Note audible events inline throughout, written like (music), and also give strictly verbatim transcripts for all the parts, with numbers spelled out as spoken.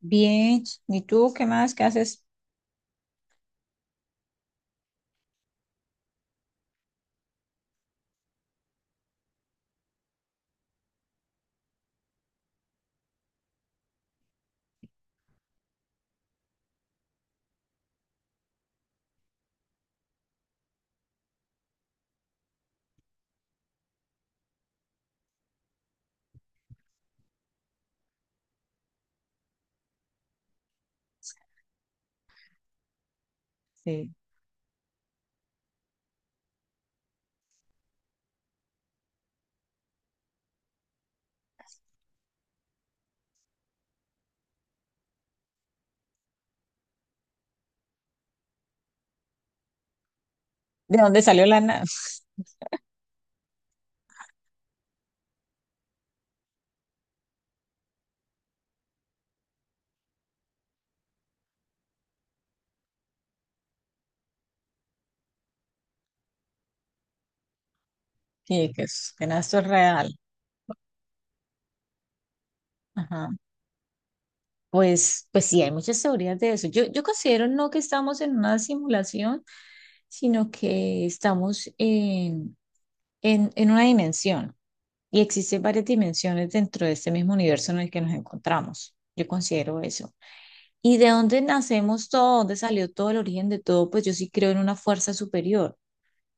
Bien, ¿y tú qué más? ¿Qué haces? Sí. ¿De dónde salió la nave? Sí, que es, que nada, esto es real. Ajá. Pues, pues sí, hay muchas teorías de eso. Yo, yo considero no que estamos en una simulación, sino que estamos en, en, en una dimensión y existen varias dimensiones dentro de este mismo universo en el que nos encontramos. Yo considero eso. ¿Y de dónde nacemos todo? ¿Dónde salió todo el origen de todo? Pues yo sí creo en una fuerza superior,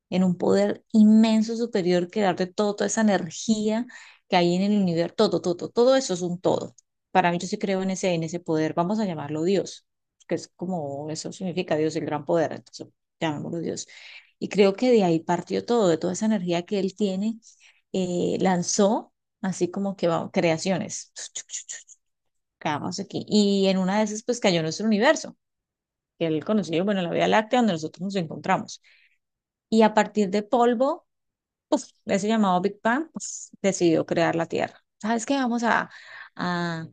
en un poder inmenso superior que darte todo, toda esa energía que hay en el universo, todo, todo, todo todo eso es un todo. Para mí yo sí creo en ese, en ese poder. Vamos a llamarlo Dios, que es como, eso significa Dios, el gran poder, entonces llamémoslo Dios. Y creo que de ahí partió todo, de toda esa energía que él tiene, eh, lanzó así como que vamos, creaciones, quedamos aquí. Y en una de esas pues cayó nuestro universo, que él conoció, bueno, la Vía Láctea, donde nosotros nos encontramos. Y a partir de polvo uf, ese llamado Big Bang, pues, decidió crear la Tierra. ¿Sabes qué? Vamos a, a,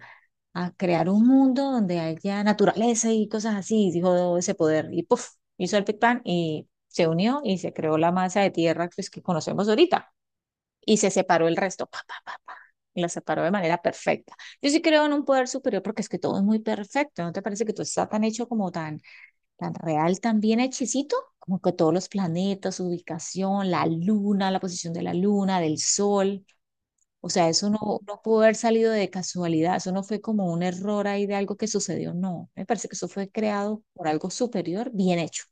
a crear un mundo donde haya naturaleza y cosas así, dijo ese poder. Y puff, hizo el Big Bang y se unió y se creó la masa de tierra pues, que conocemos ahorita. Y se separó el resto, pa, pa, pa, pa, y la separó de manera perfecta. Yo sí creo en un poder superior porque es que todo es muy perfecto. ¿No te parece que todo está tan hecho, como tan tan real, también bien, como que todos los planetas, su ubicación, la luna, la posición de la luna, del sol? O sea, eso no, no pudo haber salido de casualidad, eso no fue como un error ahí de algo que sucedió, no. Me parece que eso fue creado por algo superior, bien hecho.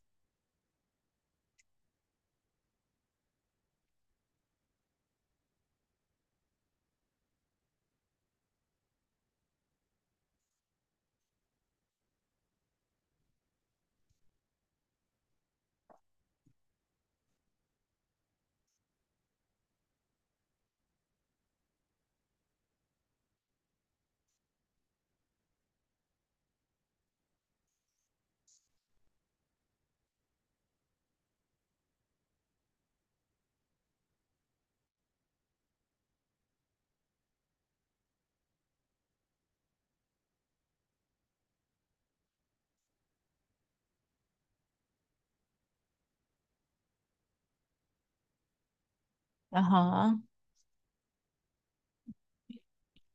Ajá.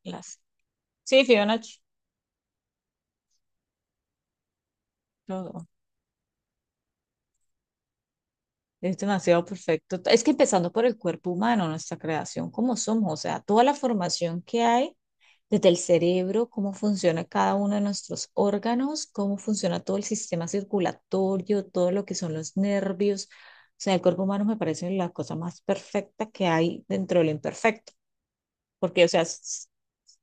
Las... Sí, Fiona, ch- lo- es demasiado perfecto. Es que empezando por el cuerpo humano, nuestra creación como somos, o sea, toda la formación que hay desde el cerebro, cómo funciona cada uno de nuestros órganos, cómo funciona todo el sistema circulatorio, todo lo que son los nervios. O sea, el cuerpo humano me parece la cosa más perfecta que hay dentro de lo imperfecto, porque, o sea, s-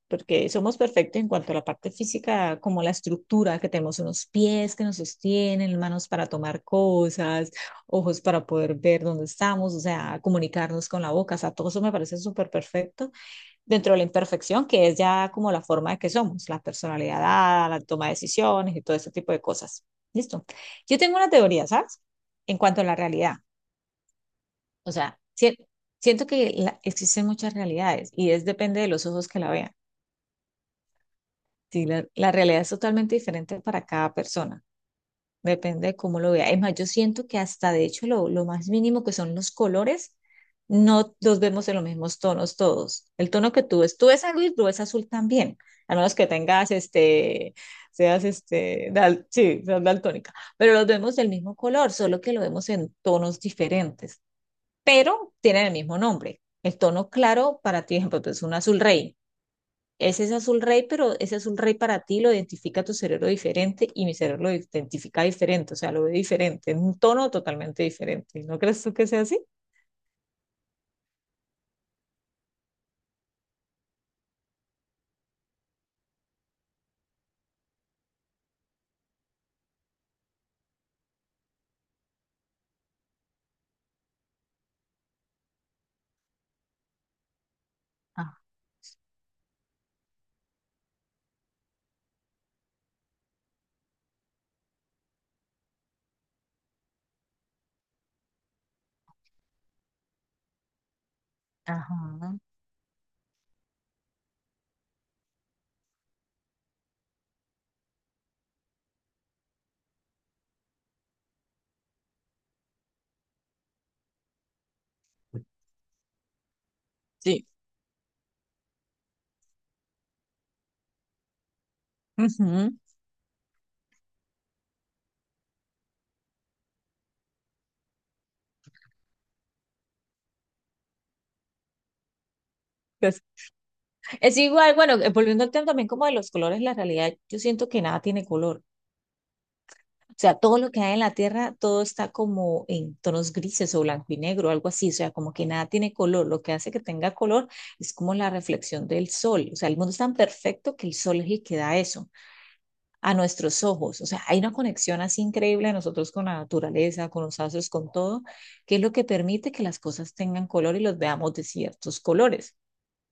porque somos perfectos en cuanto a la parte física, como la estructura, que tenemos unos pies que nos sostienen, manos para tomar cosas, ojos para poder ver dónde estamos, o sea, comunicarnos con la boca, o sea, todo eso me parece súper perfecto dentro de la imperfección, que es ya como la forma de que somos, la personalidad dada, la toma de decisiones y todo ese tipo de cosas. Listo. Yo tengo una teoría, ¿sabes? En cuanto a la realidad. O sea, si- siento que la- existen muchas realidades y es depende de los ojos que la vean. Sí, la, la realidad es totalmente diferente para cada persona. Depende de cómo lo vea. Es más, yo siento que hasta de hecho lo, lo más mínimo que son los colores, no los vemos en los mismos tonos todos. El tono que tú ves, tú ves algo y tú ves azul también, a menos que tengas este, seas este, dal- sí, seas daltónica, pero los vemos del mismo color, solo que lo vemos en tonos diferentes, pero tienen el mismo nombre. El tono claro para ti, por ejemplo, es un azul rey, ese es azul rey, pero ese azul rey para ti lo identifica tu cerebro diferente y mi cerebro lo identifica diferente, o sea, lo ve diferente, en un tono totalmente diferente. ¿No crees tú que sea así? Ah, ajá. Sí. Ujú. Pues, es igual, bueno, eh, volviendo al tema también como de los colores, la realidad, yo siento que nada tiene color. O sea, todo lo que hay en la tierra, todo está como en tonos grises o blanco y negro, algo así. O sea, como que nada tiene color. Lo que hace que tenga color es como la reflexión del sol. O sea, el mundo es tan perfecto que el sol es el que da eso a nuestros ojos. O sea, hay una conexión así increíble de nosotros con la naturaleza, con los astros, con todo, que es lo que permite que las cosas tengan color y los veamos de ciertos colores.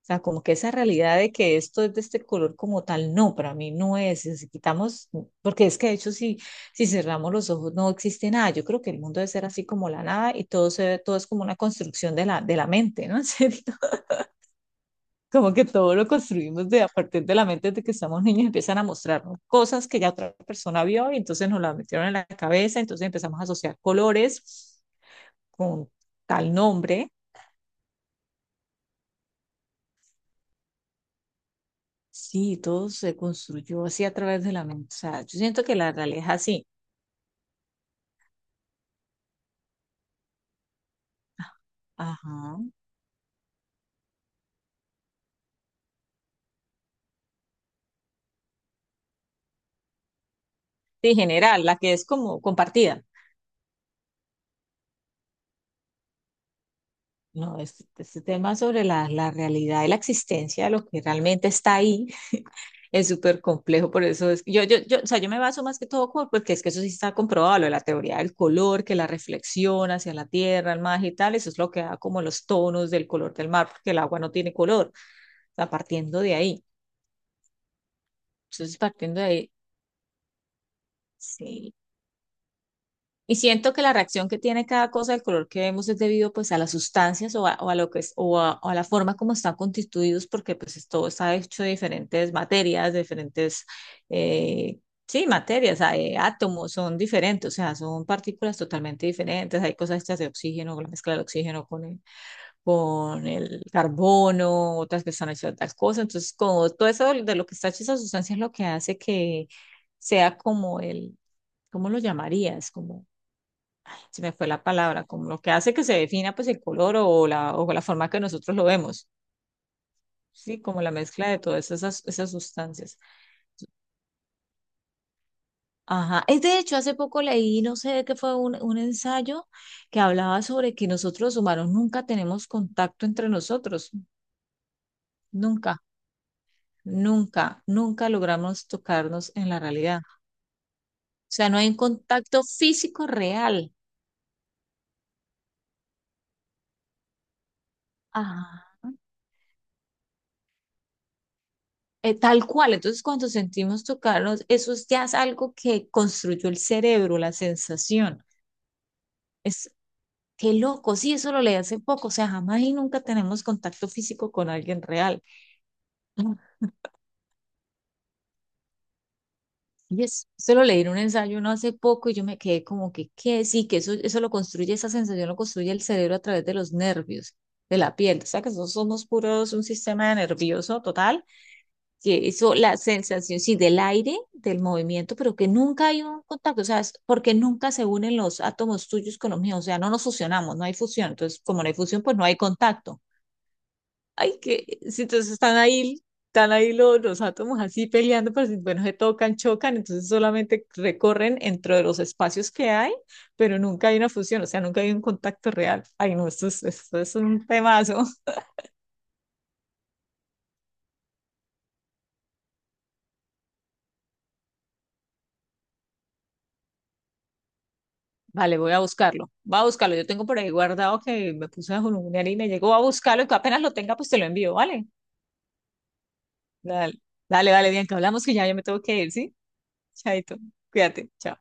O sea, como que esa realidad de que esto es de este color como tal, no, para mí no es. Si quitamos, porque es que de hecho si, si cerramos los ojos no existe nada. Yo creo que el mundo debe ser así como la nada, y todo, se, todo es como una construcción de la, de la mente, ¿no? (laughs) En serio. Como que todo lo construimos de a partir de la mente de que estamos niños, empiezan a mostrarnos cosas que ya otra persona vio y entonces nos las metieron en la cabeza, entonces empezamos a asociar colores con tal nombre. Sí, todo se construyó así a través de la mente. O sea, yo siento que la realidad es así. Ajá. Sí, general, la que es como compartida. No, este, este tema sobre la, la realidad y la existencia de lo que realmente está ahí (laughs) es súper complejo, por eso es que yo, yo, yo, o sea, yo me baso más que todo por, porque es que eso sí está comprobado, lo de la teoría del color, que la reflexión hacia la tierra, el mar y tal, eso es lo que da como los tonos del color del mar, porque el agua no tiene color, o sea, partiendo de ahí. Entonces, partiendo de ahí, sí, y siento que la reacción que tiene cada cosa del color que vemos es debido pues a las sustancias o a, o a lo que es, o a, o a la forma como están constituidos, porque pues es- todo está hecho de diferentes materias, de diferentes, eh, sí, materias, hay átomos son diferentes, o sea, son partículas totalmente diferentes, hay cosas hechas de oxígeno, la mezcla del oxígeno con el, con el carbono, otras que están hechas de otras cosas, entonces como todo eso de lo que está hecho esa sustancia es lo que hace que sea como el, ¿cómo lo llamarías? Como se me fue la palabra, como lo que hace que se defina pues el color o la, o la forma que nosotros lo vemos, ¿sí? Como la mezcla de todas esas, esas sustancias. Ajá, es de hecho, hace poco leí, no sé de qué fue un, un ensayo que hablaba sobre que nosotros los humanos nunca tenemos contacto entre nosotros, nunca, nunca, nunca logramos tocarnos en la realidad. O sea, no hay un contacto físico real. Ajá. Eh, tal cual, entonces cuando sentimos tocarnos, eso es- ya es algo que construyó el cerebro, la sensación. Es qué loco, sí, eso lo leí hace poco, o sea, jamás y nunca tenemos contacto físico con alguien real. Ah, y es- eso lo leí en un ensayo no hace poco y yo me quedé como que, ¿qué? Sí, que eso, eso lo construye, esa sensación lo construye el cerebro a través de los nervios, de la piel. O sea, que nosotros somos puros un sistema nervioso total, que eso, la sensación, sí, del aire, del movimiento, pero que nunca hay un contacto, o sea, es porque nunca se unen los átomos tuyos con los míos, o sea, no nos fusionamos, no hay fusión, entonces como no hay fusión, pues no hay contacto. Ay, que, sí, entonces están ahí, están ahí los, los átomos así peleando, pero si, bueno, se tocan, chocan, entonces solamente recorren entre los espacios que hay, pero nunca hay una fusión, o sea, nunca hay un contacto real. Ay, no, esto es, esto es un temazo. Vale, voy a buscarlo. Va a buscarlo. Yo tengo por ahí guardado que me puse a julunear y me llegó a buscarlo, y que apenas lo tenga, pues te lo envío, ¿vale? Dale, dale, dale, Bianca. Hablamos, que ya yo me tengo que ir, ¿sí? Chaito. Cuídate. Chao.